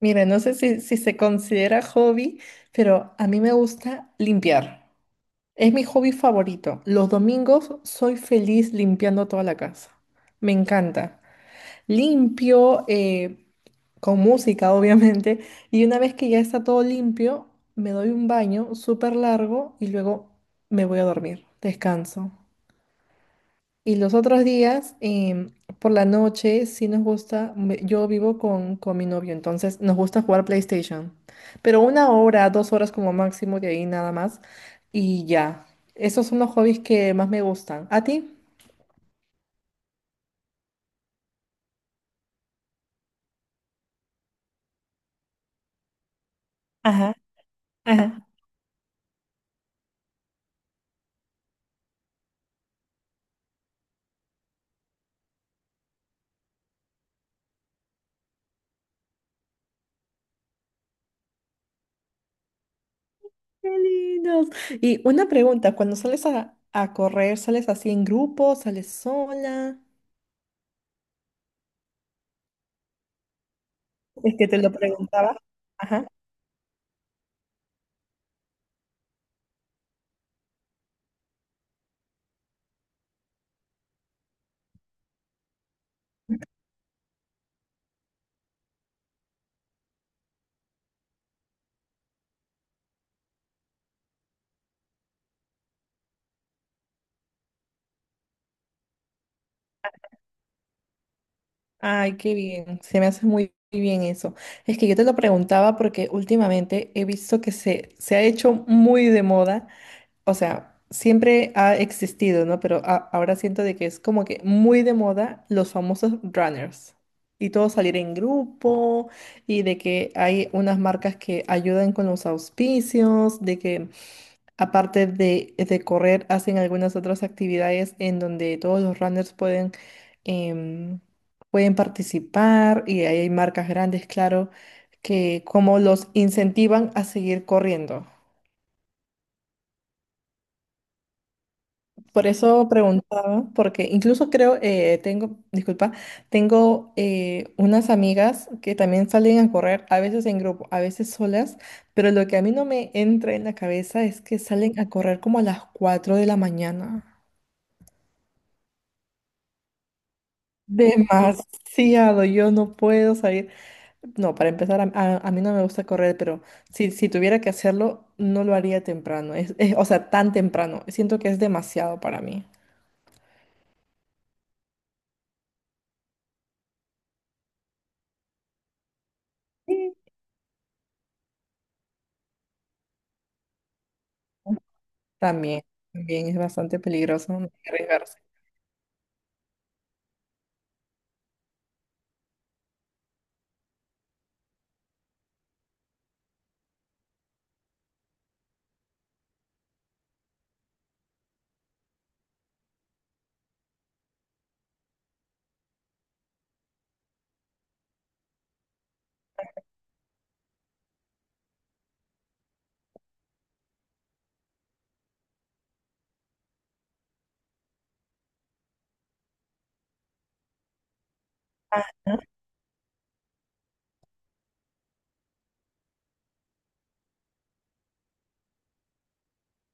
Mira, no sé si se considera hobby, pero a mí me gusta limpiar. Es mi hobby favorito. Los domingos soy feliz limpiando toda la casa. Me encanta. Limpio con música, obviamente. Y una vez que ya está todo limpio, me doy un baño súper largo y luego me voy a dormir. Descanso. Y los otros días, por la noche, sí nos gusta, yo vivo con mi novio, entonces nos gusta jugar PlayStation, pero una hora, 2 horas como máximo, de ahí nada más, y ya. Esos son los hobbies que más me gustan. ¿A ti? Ajá, ajá. ¡Qué lindos! Y una pregunta, cuando sales a correr, ¿sales así en grupo, sales sola? Es que te lo preguntaba. Ay, qué bien, se me hace muy bien eso. Es que yo te lo preguntaba porque últimamente he visto que se ha hecho muy de moda, o sea, siempre ha existido, ¿no? Pero ahora siento de que es como que muy de moda los famosos runners, y todo salir en grupo, y de que hay unas marcas que ayudan con los auspicios, de que aparte de correr, hacen algunas otras actividades en donde todos los runners em, pueden participar, y ahí hay marcas grandes, claro, que como los incentivan a seguir corriendo. Por eso preguntaba, porque incluso creo, tengo, disculpa, tengo unas amigas que también salen a correr, a veces en grupo, a veces solas, pero lo que a mí no me entra en la cabeza es que salen a correr como a las 4 de la mañana. Demasiado, yo no puedo salir. No, para empezar, a mí no me gusta correr, pero si tuviera que hacerlo, no lo haría temprano. O sea, tan temprano. Siento que es demasiado para mí. Sí. También, también es bastante peligroso, no hay que arriesgarse.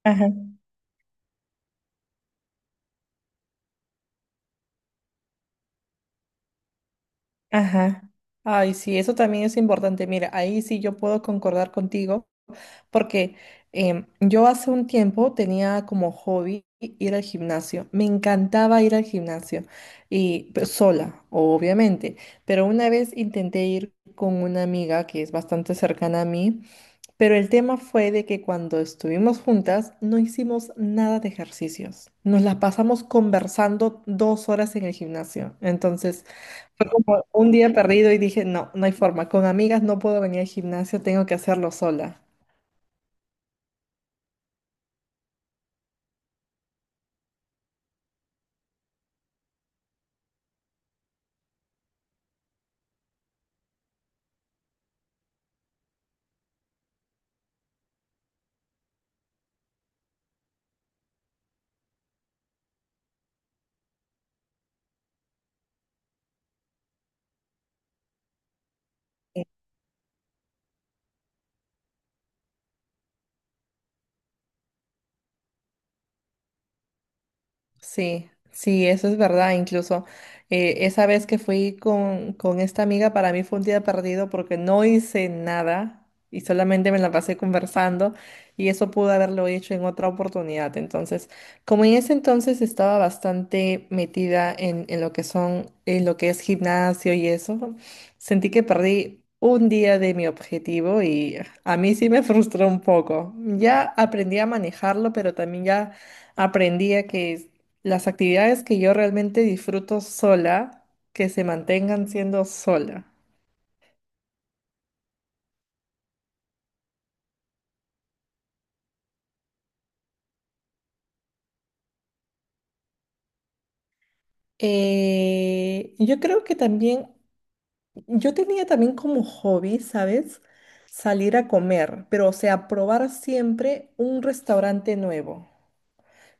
Ajá, ajá. Ay, sí, eso también es importante. Mira, ahí sí yo puedo concordar contigo, porque yo hace un tiempo tenía como hobby ir al gimnasio. Me encantaba ir al gimnasio y pues, sola, obviamente. Pero una vez intenté ir con una amiga que es bastante cercana a mí, pero el tema fue de que cuando estuvimos juntas no hicimos nada de ejercicios. Nos la pasamos conversando 2 horas en el gimnasio. Entonces fue como un día perdido y dije, no, no hay forma. Con amigas no puedo venir al gimnasio, tengo que hacerlo sola. Sí, sí, eso es verdad. Incluso esa vez que fui con esta amiga, para mí fue un día perdido porque no hice nada y solamente me la pasé conversando, y eso pude haberlo hecho en otra oportunidad. Entonces, como en ese entonces estaba bastante metida en lo que es gimnasio y eso, sentí que perdí un día de mi objetivo y a mí sí me frustró un poco. Ya aprendí a manejarlo, pero también ya aprendí a que las actividades que yo realmente disfruto sola, que se mantengan siendo sola. Yo creo que también, yo tenía también como hobby, ¿sabes? Salir a comer, pero o sea, probar siempre un restaurante nuevo.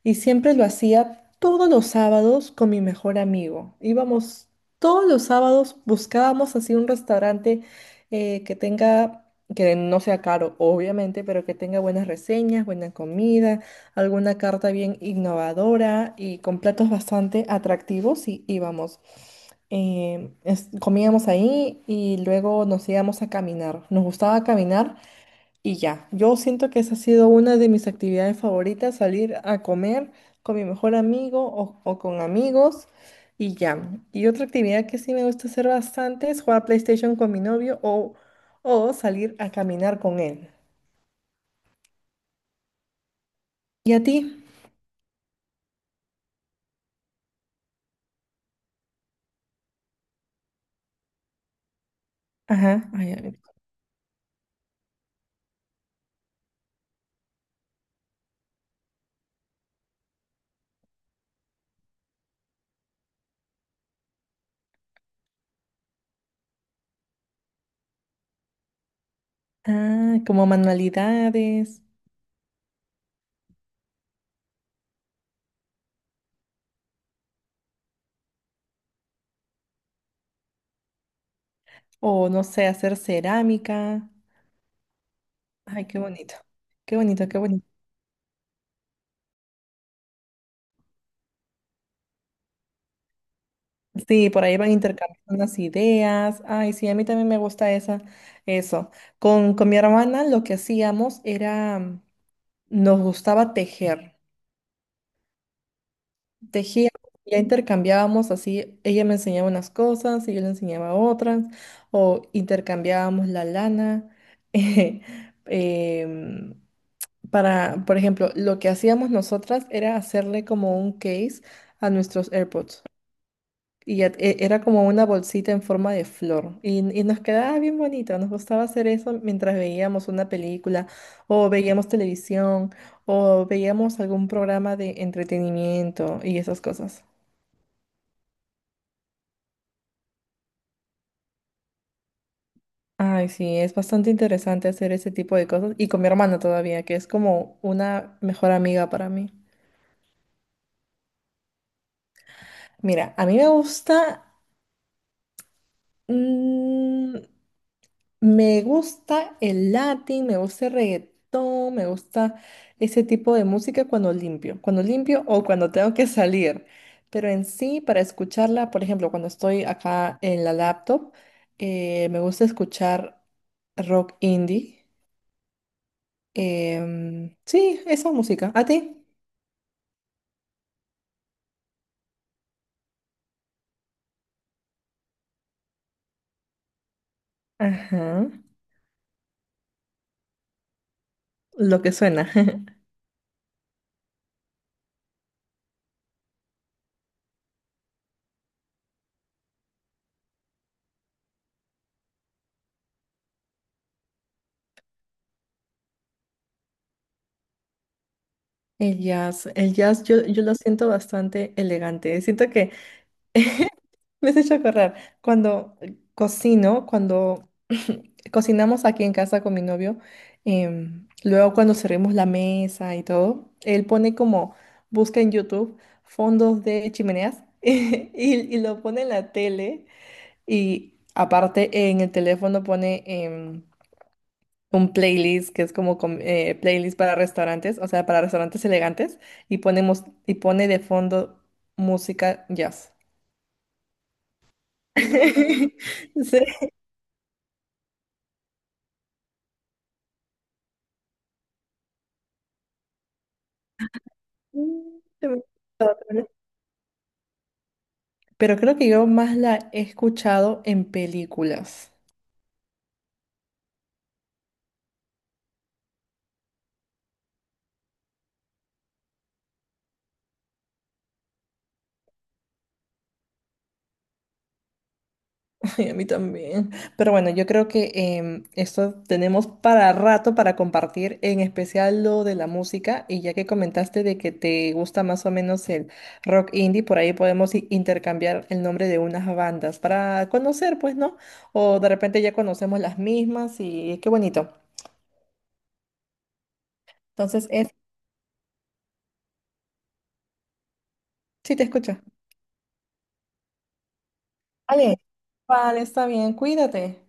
Y siempre lo hacía todos los sábados con mi mejor amigo. Íbamos todos los sábados, buscábamos así un restaurante que tenga, que no sea caro, obviamente, pero que tenga buenas reseñas, buena comida, alguna carta bien innovadora y con platos bastante atractivos, y íbamos. Comíamos ahí y luego nos íbamos a caminar. Nos gustaba caminar y ya, yo siento que esa ha sido una de mis actividades favoritas, salir a comer con mi mejor amigo o con amigos, y ya. Y otra actividad que sí me gusta hacer bastante es jugar PlayStation con mi novio, o salir a caminar con él. ¿Y a ti? Ajá, ay, a ver. Ah, como manualidades o no sé, hacer cerámica. Ay, qué bonito, qué bonito, qué bonito. Sí, por ahí van intercambiando unas ideas. Ay, sí, a mí también me gusta esa, eso. Con mi hermana lo que hacíamos era, nos gustaba tejer. Tejíamos, ya intercambiábamos así, ella me enseñaba unas cosas y yo le enseñaba otras, o intercambiábamos la lana. eh, em, para, por ejemplo, lo que hacíamos nosotras era hacerle como un case a nuestros AirPods. Y era como una bolsita en forma de flor. Y nos quedaba bien bonito. Nos gustaba hacer eso mientras veíamos una película o veíamos televisión o veíamos algún programa de entretenimiento y esas cosas. Ay, sí, es bastante interesante hacer ese tipo de cosas. Y con mi hermana todavía, que es como una mejor amiga para mí. Mira, a mí me gusta... mm, Me gusta el Latin, me gusta el reggaetón, me gusta ese tipo de música cuando limpio o cuando tengo que salir. Pero en sí, para escucharla, por ejemplo, cuando estoy acá en la laptop, me gusta escuchar rock indie. Sí, esa música. ¿A ti? Ajá, lo que suena. El jazz, el jazz, yo lo siento bastante elegante. Siento que me has hecho acordar, cuando cocino, cuando cocinamos aquí en casa con mi novio, luego cuando servimos la mesa y todo, él pone como, busca en YouTube fondos de chimeneas y lo pone en la tele, y aparte en el teléfono pone un playlist que es como playlist para restaurantes, o sea, para restaurantes elegantes, y ponemos, y pone de fondo música jazz. Sí. Te voy a contar, pero creo que yo más la he escuchado en películas. Ay, a mí también. Pero bueno, yo creo que esto tenemos para rato para compartir, en especial lo de la música. Y ya que comentaste de que te gusta más o menos el rock indie, por ahí podemos intercambiar el nombre de unas bandas para conocer, pues, ¿no? O de repente ya conocemos las mismas, y qué bonito. Entonces, sí te escucho. Vale, vale, está bien, cuídate.